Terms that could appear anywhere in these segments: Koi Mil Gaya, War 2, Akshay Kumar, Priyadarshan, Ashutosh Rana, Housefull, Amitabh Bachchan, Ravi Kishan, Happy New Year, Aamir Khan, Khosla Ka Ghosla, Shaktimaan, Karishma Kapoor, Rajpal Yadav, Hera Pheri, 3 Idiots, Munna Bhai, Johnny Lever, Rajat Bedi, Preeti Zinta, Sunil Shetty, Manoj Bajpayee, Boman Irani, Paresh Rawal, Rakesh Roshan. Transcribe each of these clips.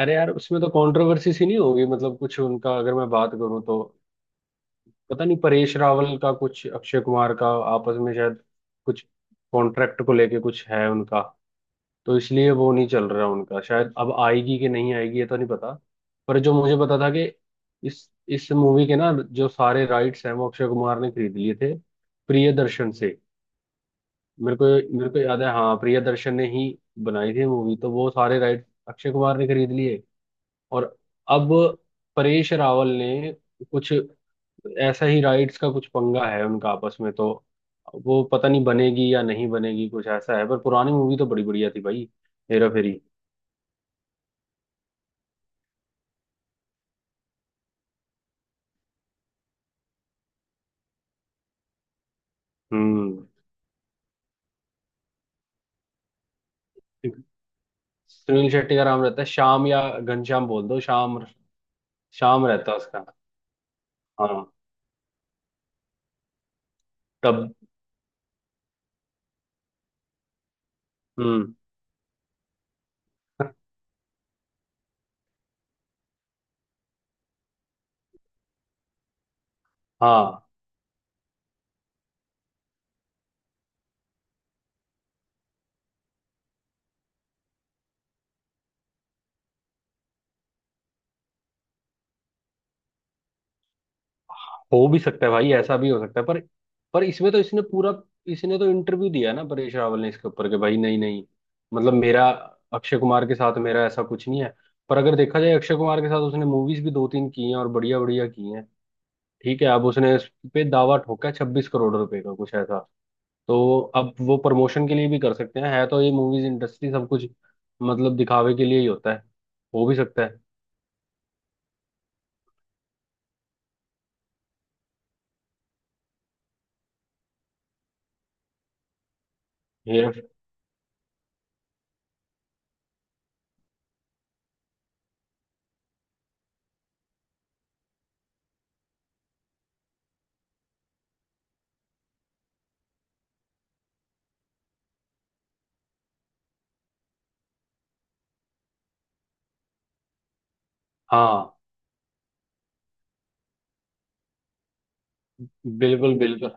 अरे यार, उसमें तो कंट्रोवर्सी सी नहीं होगी। मतलब कुछ उनका, अगर मैं बात करूं तो पता नहीं, परेश रावल का कुछ अक्षय कुमार का आपस में शायद कुछ कॉन्ट्रैक्ट को लेके कुछ है उनका। तो इसलिए वो नहीं चल रहा उनका। शायद अब आएगी कि नहीं आएगी ये तो नहीं पता। पर जो मुझे पता था कि इस इस मूवी के ना, जो सारे राइट्स हैं वो अक्षय कुमार ने खरीद लिए थे प्रियदर्शन से। मेरे को मेरे को याद है, हाँ, प्रियदर्शन ने ही बनाई थी मूवी, तो वो सारे राइट्स अक्षय कुमार ने खरीद लिए। और अब परेश रावल ने कुछ ऐसा ही राइट्स का कुछ पंगा है उनका आपस में। तो वो पता नहीं बनेगी या नहीं बनेगी, कुछ ऐसा है। पर पुरानी मूवी तो बड़ी बढ़िया थी भाई, हेरा फेरी। हम्म। सुनील शेट्टी का नाम रहता है श्याम, या घनश्याम बोल दो, श्याम। श्याम रहता है उसका। हाँ। तब। हम्म। हाँ, हो भी सकता है भाई, ऐसा भी हो सकता है। पर इसमें तो इसने तो इंटरव्यू दिया ना परेश रावल ने इसके ऊपर कि भाई नहीं नहीं, मतलब मेरा अक्षय कुमार के साथ मेरा ऐसा कुछ नहीं है। पर अगर देखा जाए, अक्षय कुमार के साथ उसने मूवीज भी दो तीन की हैं, और बढ़िया बढ़िया की हैं। ठीक है। अब उसने इस पे दावा ठोका है 26 करोड़ रुपए का, कुछ ऐसा। तो अब वो प्रमोशन के लिए भी कर सकते हैं। है तो, ये मूवीज इंडस्ट्री, सब कुछ मतलब दिखावे के लिए ही होता है। हो भी सकता है। ये। हाँ। बिल्कुल बिल्कुल।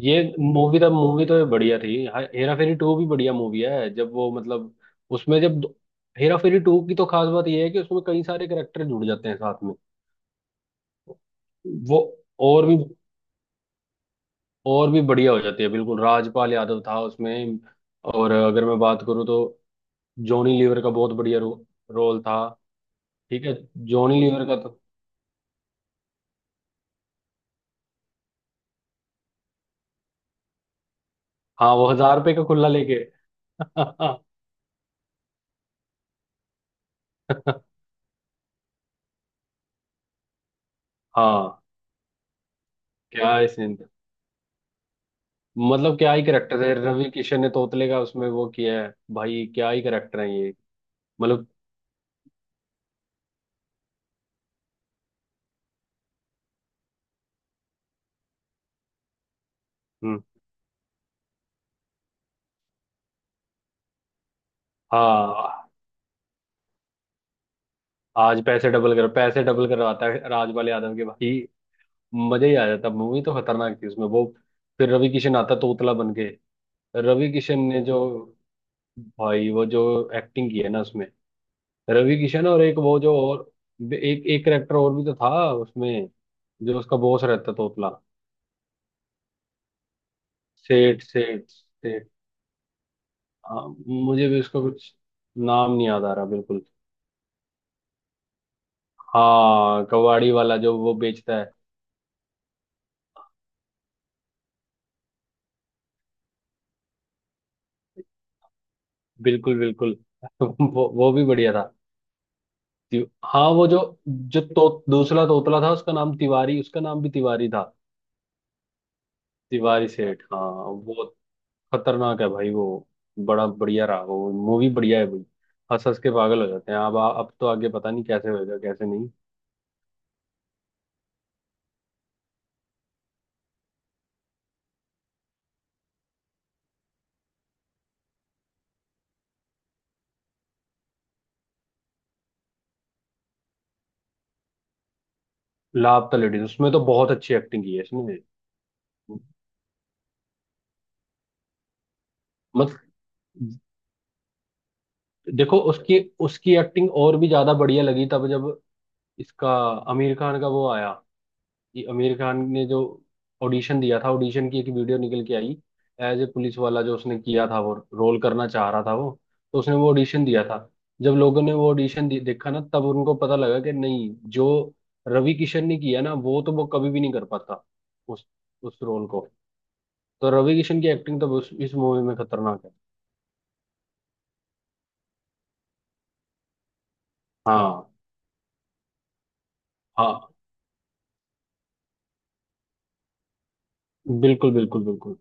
ये मूवी तो ये बढ़िया थी। हेरा फेरी टू भी बढ़िया मूवी है। जब वो मतलब, उसमें जब हेरा फेरी टू की तो खास बात ये है कि उसमें कई सारे करेक्टर जुड़ जाते हैं साथ में। वो और भी और भी बढ़िया हो जाती है। बिल्कुल, राजपाल यादव था उसमें। और अगर मैं बात करूँ तो जॉनी लीवर का बहुत बढ़िया रोल था। ठीक है। जॉनी लीवर का तो। हाँ, वो 1000 रुपये का खुल्ला लेके हाँ। क्या है। मतलब क्या ही करेक्टर है, रवि किशन ने तोतले का उसमें वो किया है। भाई क्या ही करेक्टर है ये। मतलब। हम्म। हाँ, आज पैसे डबल करवाता है राजपाल यादव के भाई। मजा ही आ जाता। मूवी तो खतरनाक थी। उसमें वो फिर रवि किशन आता तोतला बन के। रवि किशन ने जो, भाई वो जो एक्टिंग की है ना उसमें। रवि किशन और एक वो जो और एक एक करेक्टर और भी तो था उसमें, जो उसका बॉस रहता, तोतला। सेठ सेठ सेठ। मुझे भी उसका कुछ नाम नहीं याद आ रहा बिल्कुल। हाँ, कबाड़ी वाला जो वो बेचता है। बिल्कुल बिल्कुल। वो भी बढ़िया था। हाँ, वो जो, जो तो दूसरा तोतला था उसका नाम तिवारी, उसका नाम भी तिवारी था। तिवारी सेठ, हाँ। वो खतरनाक है भाई। वो बड़ा बढ़िया रहा। वो मूवी बढ़िया है भाई। हंस हंस के पागल हो जाते हैं। अब तो आगे पता नहीं कैसे होएगा कैसे नहीं। लापता लेडीज उसमें तो बहुत अच्छी एक्टिंग की है इसने। मत देखो, उसकी उसकी एक्टिंग और भी ज्यादा बढ़िया लगी तब जब इसका आमिर खान का वो आया, कि आमिर खान ने जो ऑडिशन दिया था, ऑडिशन की एक वीडियो निकल के आई, एज ए पुलिस वाला जो उसने किया था वो रोल करना चाह रहा था वो। तो उसने वो ऑडिशन दिया था। जब लोगों ने वो ऑडिशन देखा ना, तब उनको पता लगा कि नहीं, जो रवि किशन ने किया ना, वो तो वो कभी भी नहीं कर पाता उस उस रोल को। तो रवि किशन की एक्टिंग तो इस मूवी में खतरनाक है। हाँ। हाँ। बिल्कुल बिल्कुल बिल्कुल।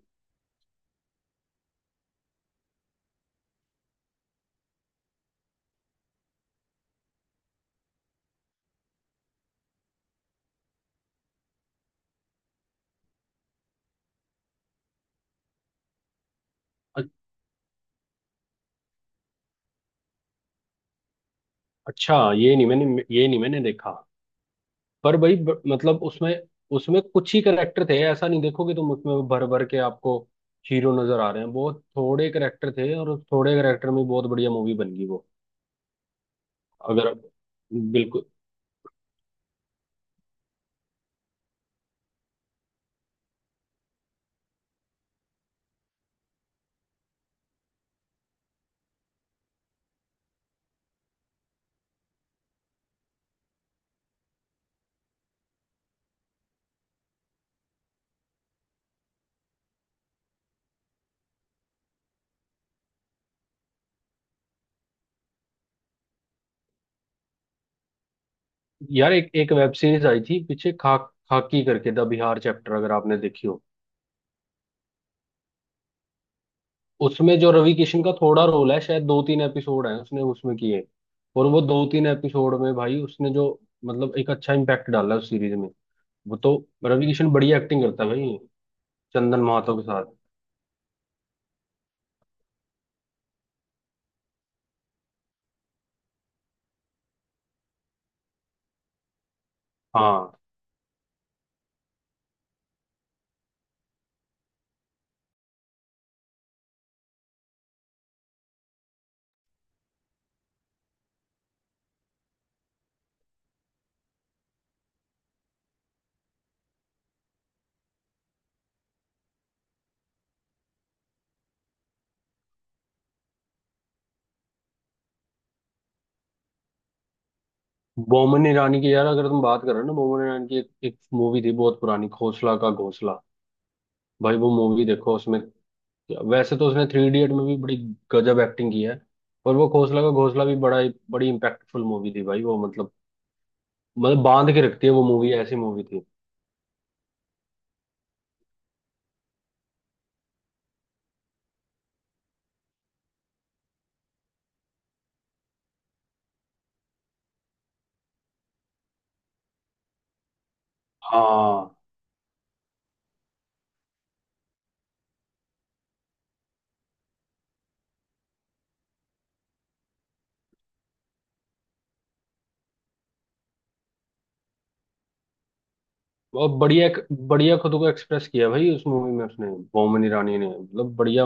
अच्छा, ये नहीं मैंने देखा। पर भाई मतलब उसमें उसमें कुछ ही करेक्टर थे। ऐसा नहीं देखोगे तुम उसमें भर भर के आपको हीरो नजर आ रहे हैं। बहुत थोड़े करेक्टर थे, और उस थोड़े करेक्टर में बहुत बढ़िया मूवी बन गई वो। अगर बिल्कुल। यार, एक एक वेब सीरीज आई थी पीछे खा खाकी करके, द बिहार चैप्टर, अगर आपने देखी हो। उसमें जो रवि किशन का थोड़ा रोल है, शायद दो तीन एपिसोड है उसने उसमें किए। और वो दो तीन एपिसोड में भाई उसने जो मतलब एक अच्छा इम्पैक्ट डाला उस सीरीज में। वो तो रवि किशन बढ़िया एक्टिंग करता है भाई, चंदन महातो के साथ। हाँ। बोमन ईरानी की, यार अगर तुम बात कर रहे हो ना, बोमन ईरानी की एक मूवी थी बहुत पुरानी, खोसला का घोंसला। भाई वो मूवी देखो। उसमें वैसे तो उसने थ्री इडियट में भी बड़ी गजब एक्टिंग की है, पर वो खोसला का घोंसला भी बड़ा बड़ी इम्पैक्टफुल मूवी थी भाई। वो मतलब, मतलब बांध के रखती है, वो मूवी ऐसी मूवी थी। हाँ, और बढ़िया, बढ़िया खुद को एक्सप्रेस किया भाई, उस मूवी में उसने। बोमन ईरानी ने मतलब बढ़िया।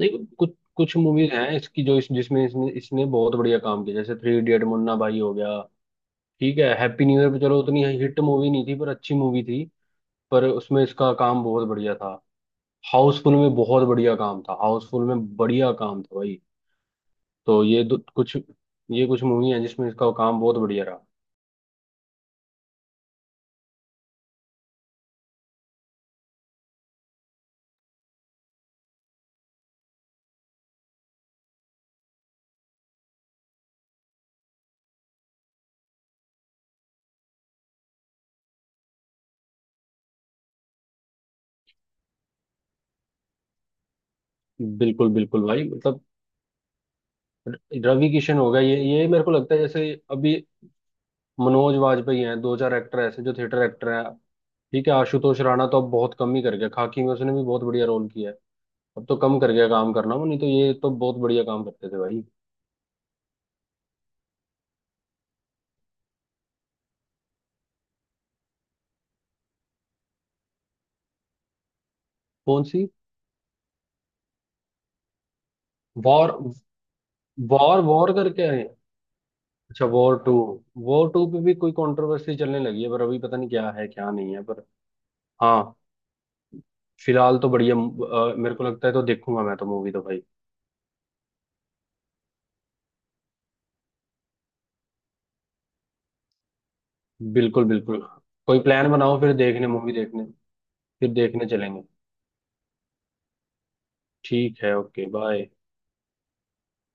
नहीं, कुछ कुछ मूवीज हैं इसकी, जो इस जिसमें इसने इसने बहुत बढ़िया काम किया। जैसे थ्री इडियट, मुन्ना भाई हो गया, ठीक है, हैप्पी न्यू ईयर पे चलो उतनी हिट मूवी नहीं थी पर अच्छी मूवी थी, पर उसमें इसका काम बहुत बढ़िया था। हाउसफुल में बहुत बढ़िया काम था, हाउसफुल में बढ़िया काम था भाई। तो ये कुछ मूवी है जिसमें इसका काम बहुत बढ़िया रहा। बिल्कुल बिल्कुल भाई। मतलब रवि किशन हो गया, ये मेरे को लगता है जैसे अभी मनोज वाजपेयी हैं, दो चार एक्टर ऐसे जो थिएटर एक्टर हैं। ठीक है। आशुतोष राणा तो अब बहुत कम ही कर गया। खाकी में उसने भी बहुत बढ़िया रोल किया है। अब तो कम कर गया काम करना, वो नहीं तो ये तो बहुत बढ़िया काम करते थे भाई। कौन सी? वॉर? वॉर वॉर करके आए। अच्छा, वॉर टू। वॉर टू पे भी कोई कंट्रोवर्सी चलने लगी है, पर अभी पता नहीं क्या है क्या नहीं है। पर हाँ, फिलहाल तो बढ़िया मेरे को लगता है, तो देखूंगा मैं तो मूवी तो भाई। बिल्कुल बिल्कुल। कोई प्लान बनाओ फिर देखने, मूवी देखने। फिर देखने चलेंगे। ठीक है। Okay, bye.